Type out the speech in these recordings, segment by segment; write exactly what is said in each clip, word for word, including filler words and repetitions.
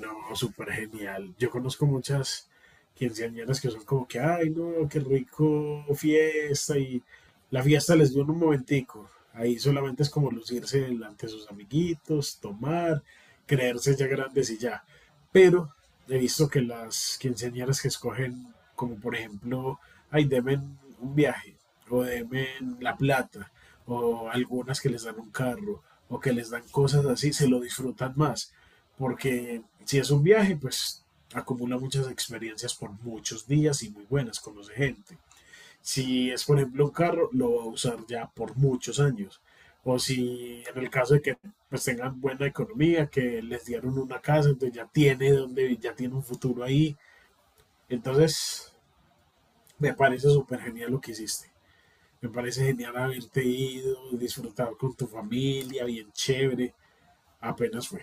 No, súper genial. Yo conozco muchas quinceañeras que son como que, ay, no, qué rico fiesta y la fiesta les dio en un momentico. Ahí solamente es como lucirse delante de sus amiguitos, tomar, creerse ya grandes y ya. Pero he visto que las quinceañeras que escogen, como por ejemplo, ay, deben un viaje o deben la plata o algunas que les dan un carro o que les dan cosas así, se lo disfrutan más porque si es un viaje, pues acumula muchas experiencias por muchos días y muy buenas, conoce gente. Si es, por ejemplo, un carro, lo va a usar ya por muchos años. O si en el caso de que pues tengan buena economía, que les dieron una casa, entonces ya tiene donde, ya tiene un futuro ahí. Entonces, me parece súper genial lo que hiciste. Me parece genial haberte ido, disfrutar con tu familia, bien chévere. Apenas fue.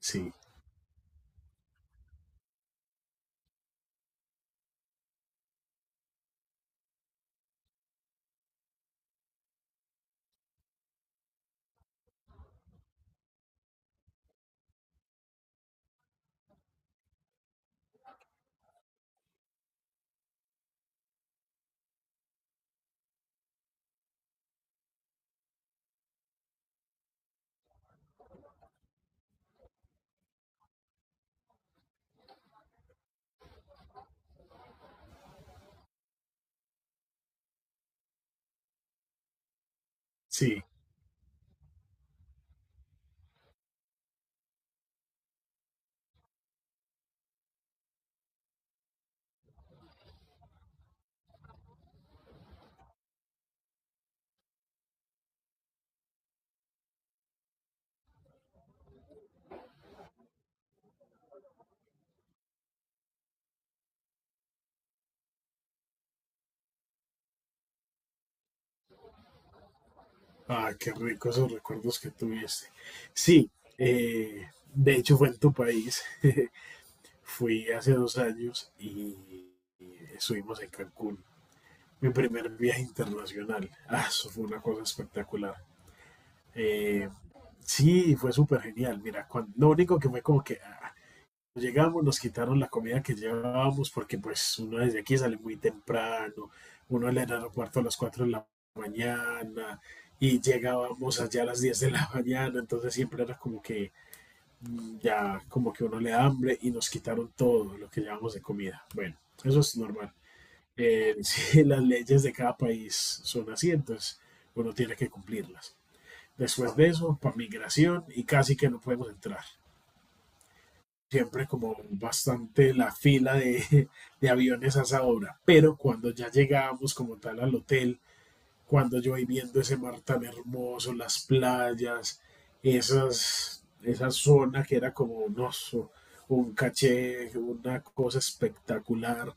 Sí, sí. Ah, qué rico esos recuerdos que tuviste. Sí, eh, de hecho fue en tu país. Fui hace dos años y estuvimos en Cancún. Mi primer viaje internacional. Ah, eso fue una cosa espectacular. Eh, sí, fue súper genial. Mira, cuando, lo único que fue como que ah, llegamos, nos quitaron la comida que llevábamos porque pues uno desde aquí sale muy temprano, uno al aeropuerto a las cuatro de la mañana y llegábamos allá a las diez de la mañana, entonces siempre era como que mm, ya como que uno le da hambre y nos quitaron todo lo que llevábamos de comida. Bueno, eso es normal. Eh, sí, las leyes de cada país son así, entonces uno tiene que cumplirlas. Después de eso, para migración y casi que no podemos entrar, siempre como bastante la fila de, de aviones a esa hora. Pero cuando ya llegábamos como tal al hotel, cuando yo voy viendo ese mar tan hermoso, las playas, esas, esa zona que era como un oso, un caché, una cosa espectacular.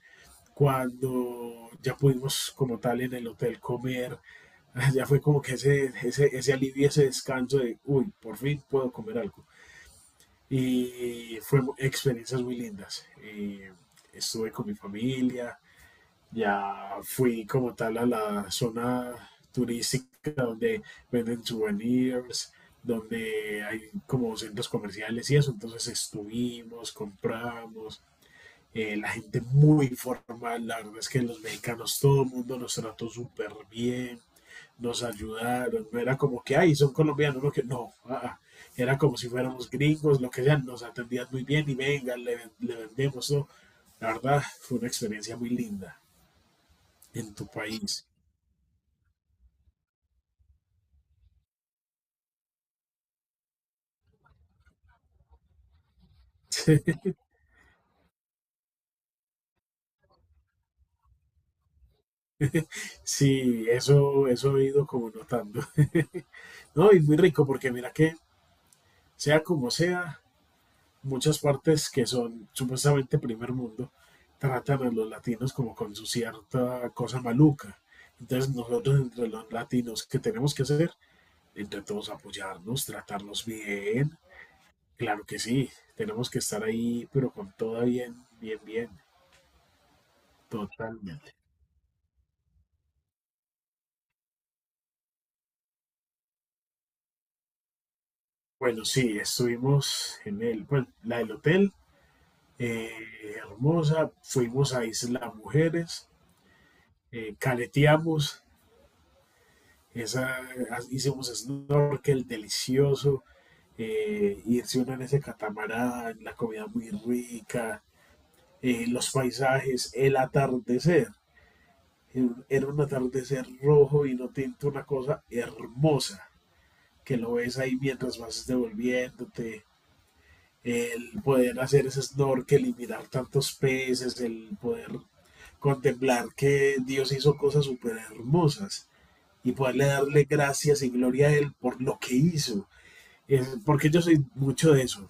Cuando ya pudimos como tal en el hotel comer, ya fue como que ese, ese, ese alivio, ese descanso de, uy, por fin puedo comer algo y fue experiencias muy lindas. Eh, estuve con mi familia, ya fui como tal a la zona turística donde venden souvenirs, donde hay como centros comerciales y eso, entonces estuvimos, compramos, eh, la gente muy formal, la verdad es que los mexicanos, todo el mundo nos trató súper bien, nos ayudaron, no era como que, ay, son colombianos, no, que no, ah, ah. Era como si fuéramos gringos, lo que sea, nos atendían muy bien y venga, le, le vendemos, ¿no? La verdad, fue una experiencia muy linda en tu país. Sí, eso, eso he ido como notando. No, y muy rico porque mira que, sea como sea, muchas partes que son supuestamente primer mundo tratan a los latinos como con su cierta cosa maluca. Entonces nosotros entre los latinos, ¿qué tenemos que hacer? Entre todos apoyarnos, tratarnos bien. Claro que sí, tenemos que estar ahí, pero con toda bien, bien, bien, totalmente. Bueno, sí, estuvimos en el, bueno, la del hotel, eh, hermosa, fuimos a Isla Mujeres, eh, caleteamos, esa, hicimos snorkel delicioso, eh, irse uno en ese catamarán, la comida muy rica, eh, los paisajes, el atardecer. Era un atardecer rojo vino tinto, una cosa hermosa que lo ves ahí mientras vas devolviéndote, el poder hacer ese snorkel y mirar tantos peces, el poder contemplar que Dios hizo cosas súper hermosas y poderle darle gracias y gloria a Él por lo que hizo. Es porque yo soy mucho de eso.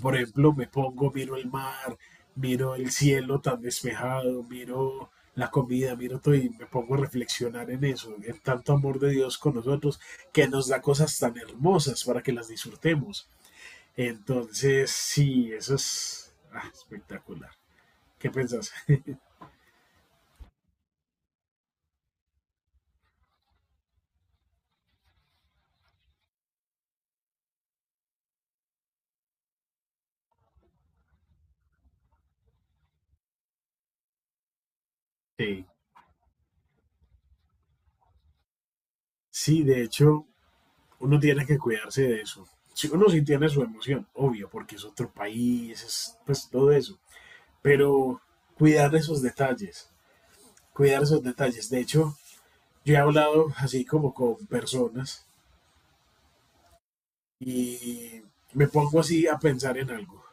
Por ejemplo, me pongo, miro el mar, miro el cielo tan despejado, miro la comida, miro todo y me pongo a reflexionar en eso, en tanto amor de Dios con nosotros, que nos da cosas tan hermosas para que las disfrutemos. Entonces, sí, eso es ah, espectacular. ¿Qué pensás? Sí. Sí, de hecho, uno tiene que cuidarse de eso. Si uno sí tiene su emoción, obvio, porque es otro país, es pues todo eso. Pero cuidar esos detalles, cuidar esos detalles. De hecho, yo he hablado así como con personas y me pongo así a pensar en algo,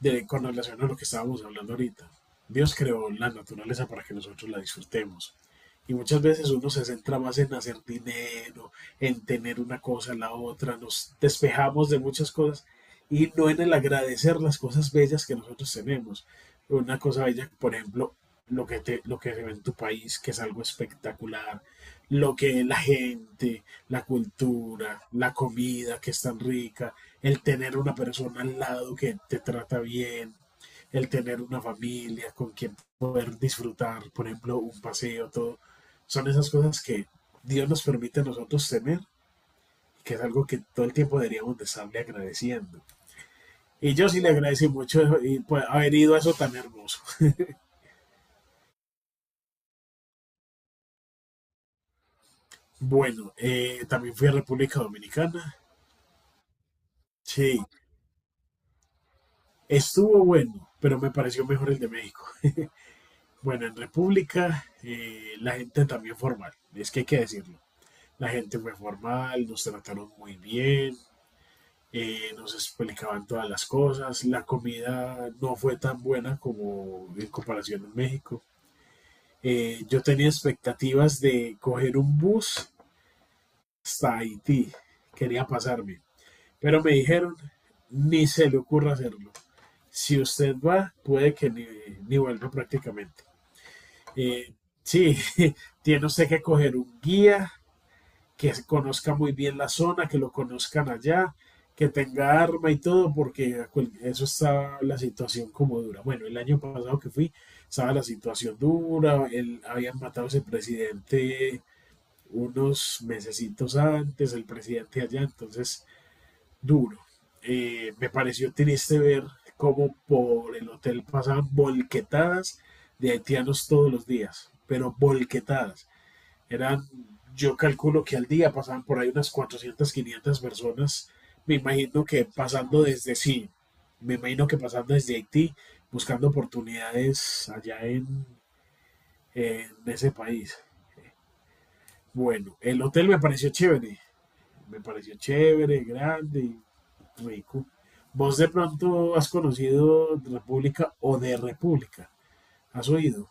de, con relación a lo que estábamos hablando ahorita. Dios creó la naturaleza para que nosotros la disfrutemos. Y muchas veces uno se centra más en hacer dinero, en tener una cosa, la otra, nos despejamos de muchas cosas y no en el agradecer las cosas bellas que nosotros tenemos. Una cosa bella, por ejemplo, lo que, te, lo que se ve en tu país, que es algo espectacular, lo que la gente, la cultura, la comida que es tan rica, el tener una persona al lado que te trata bien, el tener una familia con quien poder disfrutar, por ejemplo, un paseo, todo. Son esas cosas que Dios nos permite a nosotros tener, que es algo que todo el tiempo deberíamos de estarle agradeciendo. Y yo sí le agradecí mucho y, pues, haber ido a eso tan hermoso. Bueno, eh, también fui a República Dominicana. Sí, estuvo bueno, pero me pareció mejor el de México. Bueno, en República eh, la gente también formal, es que hay que decirlo. La gente fue formal, nos trataron muy bien, eh, nos explicaban todas las cosas, la comida no fue tan buena como en comparación en México. Eh, yo tenía expectativas de coger un bus hasta Haití, quería pasarme, pero me dijeron, ni se le ocurra hacerlo. Si usted va, puede que ni, ni vuelva prácticamente. Eh, sí, tiene usted que coger un guía que conozca muy bien la zona, que lo conozcan allá, que tenga arma y todo, porque a cual- eso está la situación como dura. Bueno, el año pasado que fui, estaba la situación dura, el- habían matado a ese presidente unos mesecitos antes, el presidente allá, entonces duro. Eh, me pareció triste ver cómo por el hotel pasaban volquetadas de haitianos todos los días, pero volquetadas. Eran, yo calculo que al día pasaban por ahí unas cuatrocientas, quinientas personas. Me imagino que pasando desde sí, me imagino que pasando desde Haití, buscando oportunidades allá en, en ese país. Bueno, el hotel me pareció chévere, me pareció chévere, grande, rico. ¿Vos de pronto has conocido República o de República? ¿Has oído?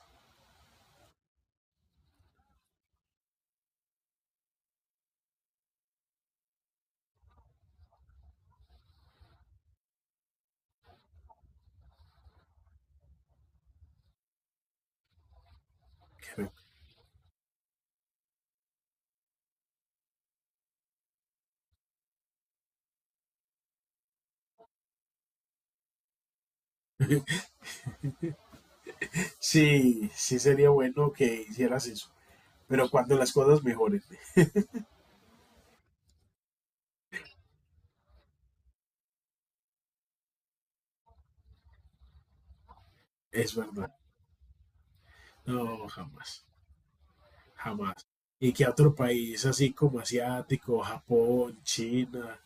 Creo. Sí, sí sería bueno que hicieras eso. Pero cuando las cosas mejoren, es verdad. No, jamás, jamás. Y que a otro país así como asiático, Japón, China.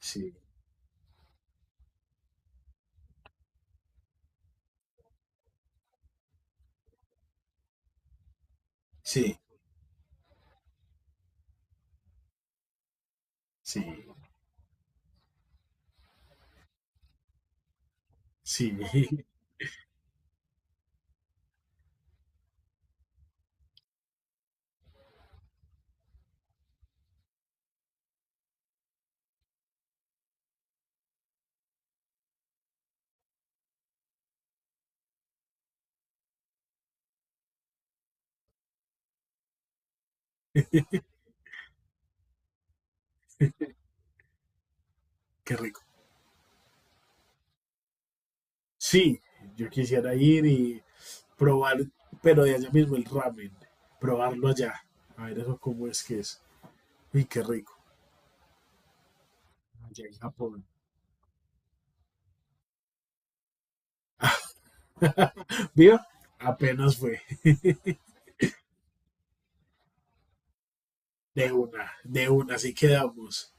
Sí, sí, sí, sí, qué rico. Sí, yo quisiera ir y probar, pero de allá mismo el ramen, probarlo allá. A ver eso cómo es que es. Uy, qué rico. Allá en Japón. Viva, apenas fue de una, de una, así quedamos.